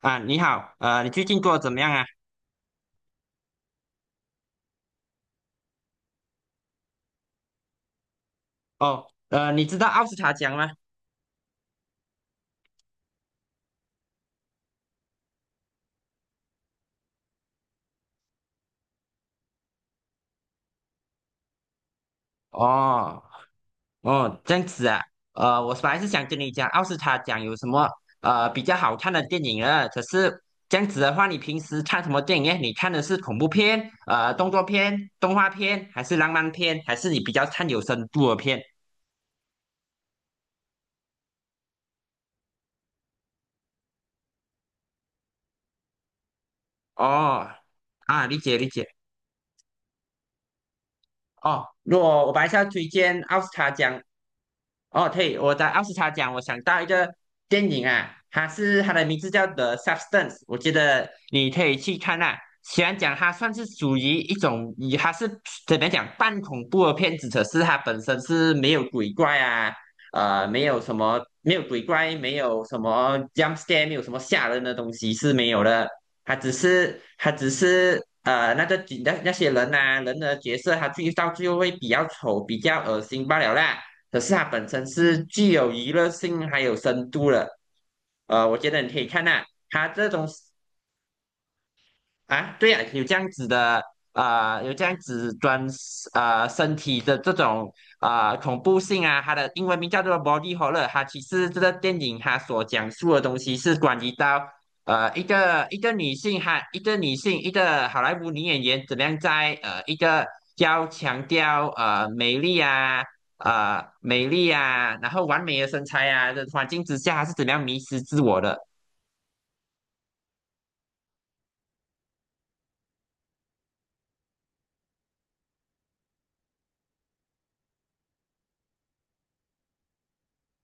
啊，你好，你最近过得怎么样啊？哦，你知道奥斯卡奖吗？哦，哦，这样子啊，我本来是想跟你讲奥斯卡奖有什么比较好看的电影啊，可是这样子的话，你平时看什么电影呢？你看的是恐怖片、动作片、动画片，还是浪漫片，还是你比较看有深度的片？哦，啊，理解理解。哦，若我白下推荐奥斯卡奖。哦，对，我在奥斯卡奖，我想到一个电影啊，它的名字叫《The Substance》，我觉得你可以去看啊。虽然讲它算是属于一种，以它是怎么讲半恐怖的片子，可是它本身是没有鬼怪啊，没有鬼怪，没有什么 jump scare，没有什么吓人的东西是没有的。他只是那个景那些人呐、啊人的角色，他到最后会比较丑、比较恶心罢了啦。可是它本身是具有娱乐性还有深度的，我觉得你可以看呐、他这种啊，对呀、有这样子的啊、有这样子专啊、身体的这种啊、恐怖性啊，它的英文名叫做 body horror。它其实这个电影它所讲述的东西是关于到一个女性哈，一个好莱坞女演员怎么样在一个要强调美丽啊。美丽啊，然后完美的身材啊的环境之下，她是怎么样迷失自我的？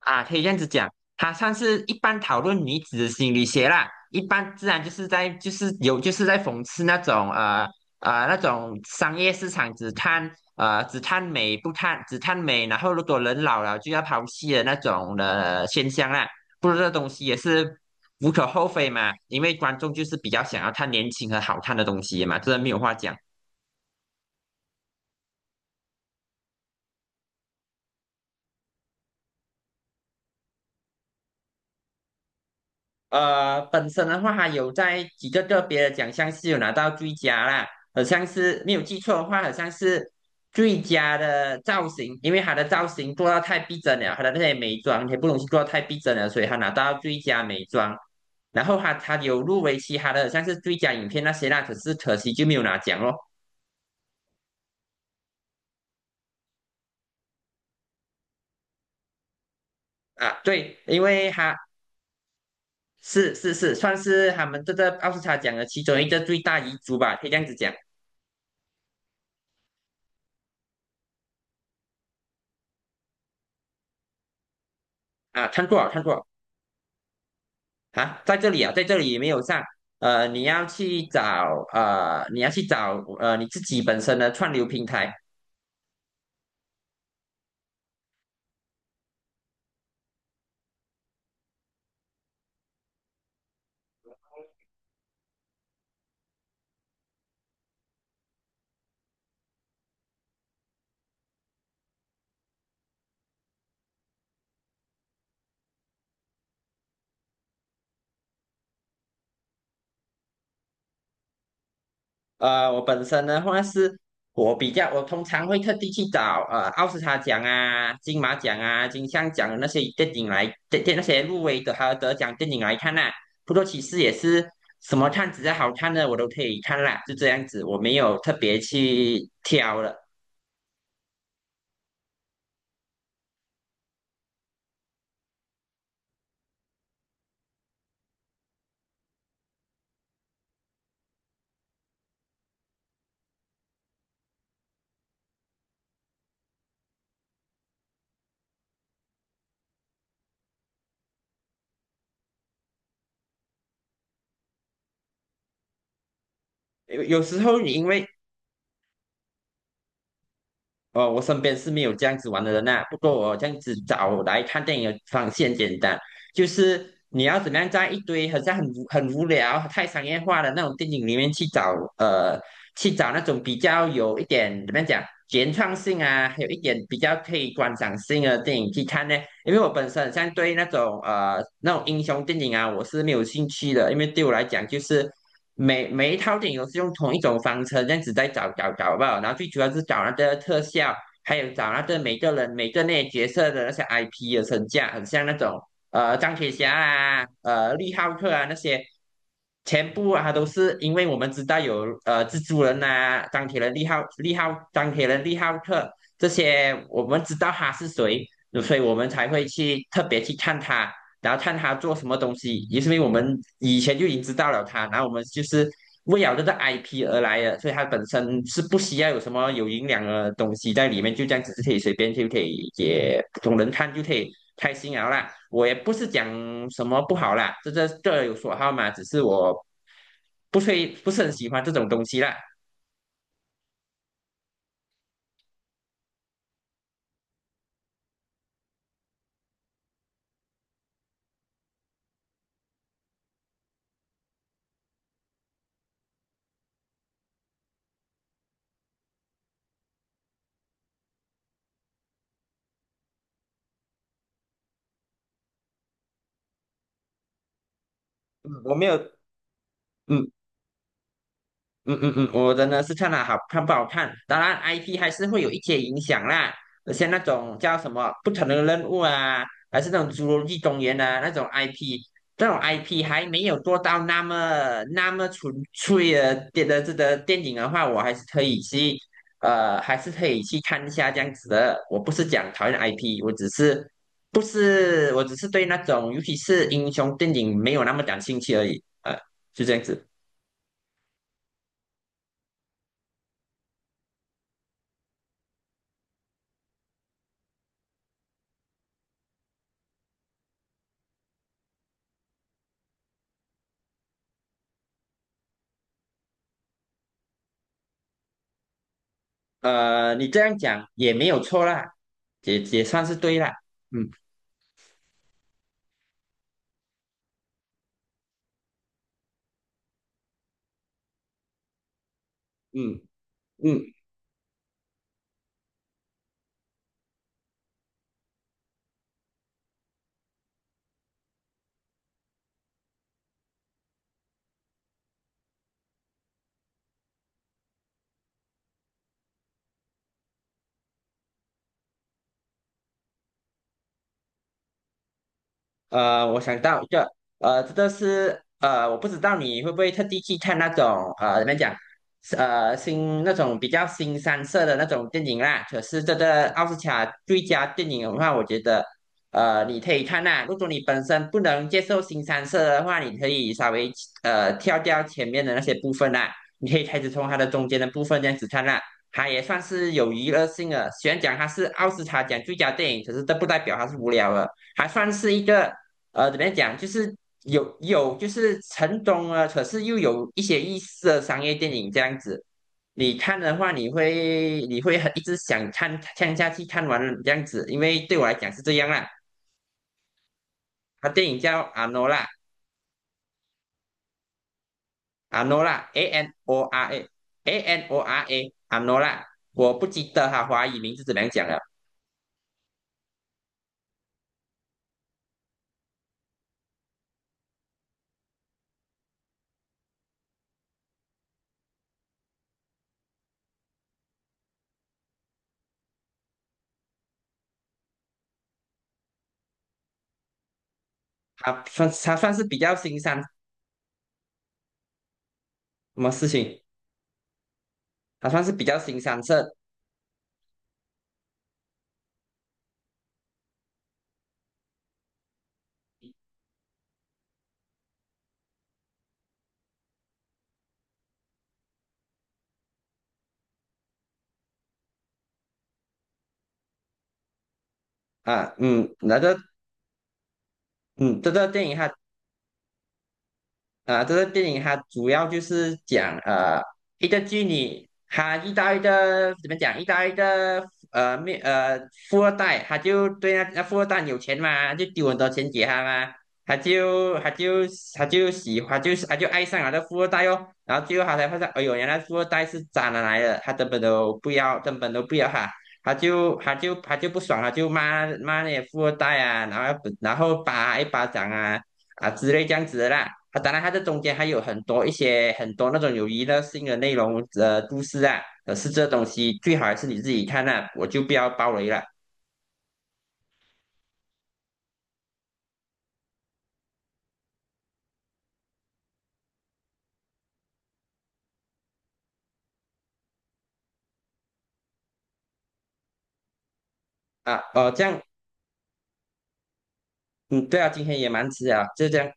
啊，可以这样子讲，他算是一般讨论女子的心理学啦。一般自然就是在就是有就是在讽刺那种那种商业市场只看呃只看美不看只看美，然后如果人老了就要抛弃的那种的现象啦。不过这东西也是无可厚非嘛，因为观众就是比较想要看年轻和好看的东西嘛，这没有话讲。本身的话，他有在几个个别的奖项是有拿到最佳啦，好像是没有记错的话，好像是最佳的造型，因为他的造型做到太逼真了，他的那些美妆也不容易做到太逼真了，所以他拿到最佳美妆。然后他有入围其他的，好像是最佳影片那些啦，可是可惜就没有拿奖咯。啊，对，因为他是算是他们这个奥斯卡奖的其中一个最大遗珠吧，可以这样子讲。啊，看过了看过了。啊，在这里没有上。你要去找你自己本身的串流平台。呃，我本身的话是，我比较，我通常会特地去找奥斯卡奖啊、金马奖啊、金像奖的那些电影来，电那些入围的还有得奖电影来看啦、不过其实也是什么看只要好看的我都可以看啦，就这样子，我没有特别去挑了。有时候你因为哦，我身边是没有这样子玩的人呐、不过我这样子找来看电影的方式很简单，就是你要怎么样在一堆好像很无聊、太商业化的那种电影里面去找，去找那种比较有一点怎么样讲原创性啊，还有一点比较可以观赏性的电影去看呢？因为我本身好像对那种英雄电影啊，我是没有兴趣的，因为对我来讲就是。每一套电影都是用同一种方程这样子在找吧，然后最主要是找那个特效，还有找那个每个人每个那些角色的那些 IP 的身价，很像那种钢铁侠啊、利浩克啊那些，全部啊都是因为我们知道有蜘蛛人啊、钢铁人利浩克这些，我们知道他是谁，所以我们才会去特别去看他。然后看他做什么东西，也是因为我们以前就已经知道了他，然后我们就是为了这个 IP 而来的，所以他本身是不需要有什么有营养的东西在里面，就这样子是可以随便就可以也普通人看就可以开心了啦。我也不是讲什么不好啦，这各有所好嘛，只是我不会不是很喜欢这种东西啦。嗯，我没有，嗯，嗯嗯嗯，我真的是看了好看不好看，当然 IP 还是会有一些影响啦。像那种叫什么不可能的任务啊，还是那种侏罗纪公园啊那种 IP，这种 IP 还没有做到那么那么纯粹的这个电影的话，我还是可以去看一下这样子的。我不是讲讨厌 IP，我只是不是我只是对那种尤其是英雄电影没有那么感兴趣而已，就这样子。你这样讲也没有错啦，也算是对啦。嗯嗯嗯。我想到一个，这个是我不知道你会不会特地去看那种怎么讲，是那种比较新三色的那种电影啦。可是这个奥斯卡最佳电影的话，我觉得你可以看啦。如果你本身不能接受新三色的话，你可以稍微跳掉前面的那些部分啦，你可以开始从它的中间的部分这样子看啦。它也算是有娱乐性的，虽然讲它是奥斯卡奖最佳电影，可是这不代表它是无聊的。还算是一个怎么样讲，就是有就是成功了，可是又有一些意思的商业电影这样子。你看的话，你会很一直想看看下去，看完了这样子，因为对我来讲是这样啦。他电影叫阿诺拉，阿诺拉 A N O R A Anora 阿诺拉，我不记得哈，华语名字怎么样讲了。他算是比较新三什么事情？他算是比较新三色啊，嗯，那个嗯，这个电影哈。啊，这个电影它主要就是讲一个妓女，她遇到一个怎么讲，遇到一个呃没呃富二代，她就对那富二代有钱嘛，就丢很多钱给他嘛，她就她就她就喜欢，就是她就爱上了那富二代哦，然后最后她才发现，哎呦，原来富二代是渣男来的，她根本都不要，根本都不要她。她就不爽了，就骂骂那些富二代啊，然后打一巴掌啊，啊之类这样子的啦。啊，当然它这中间还有很多那种有娱乐性的内容，故事啊。可是这东西最好还是你自己看啊，我就不要爆雷了啊。哦，这样，嗯，对啊，今天也蛮迟啊，就这样。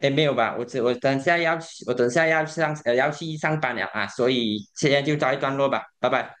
哎，没有吧？我等下要去，我等下要上呃要去上班了啊，所以现在就告一段落吧，拜拜。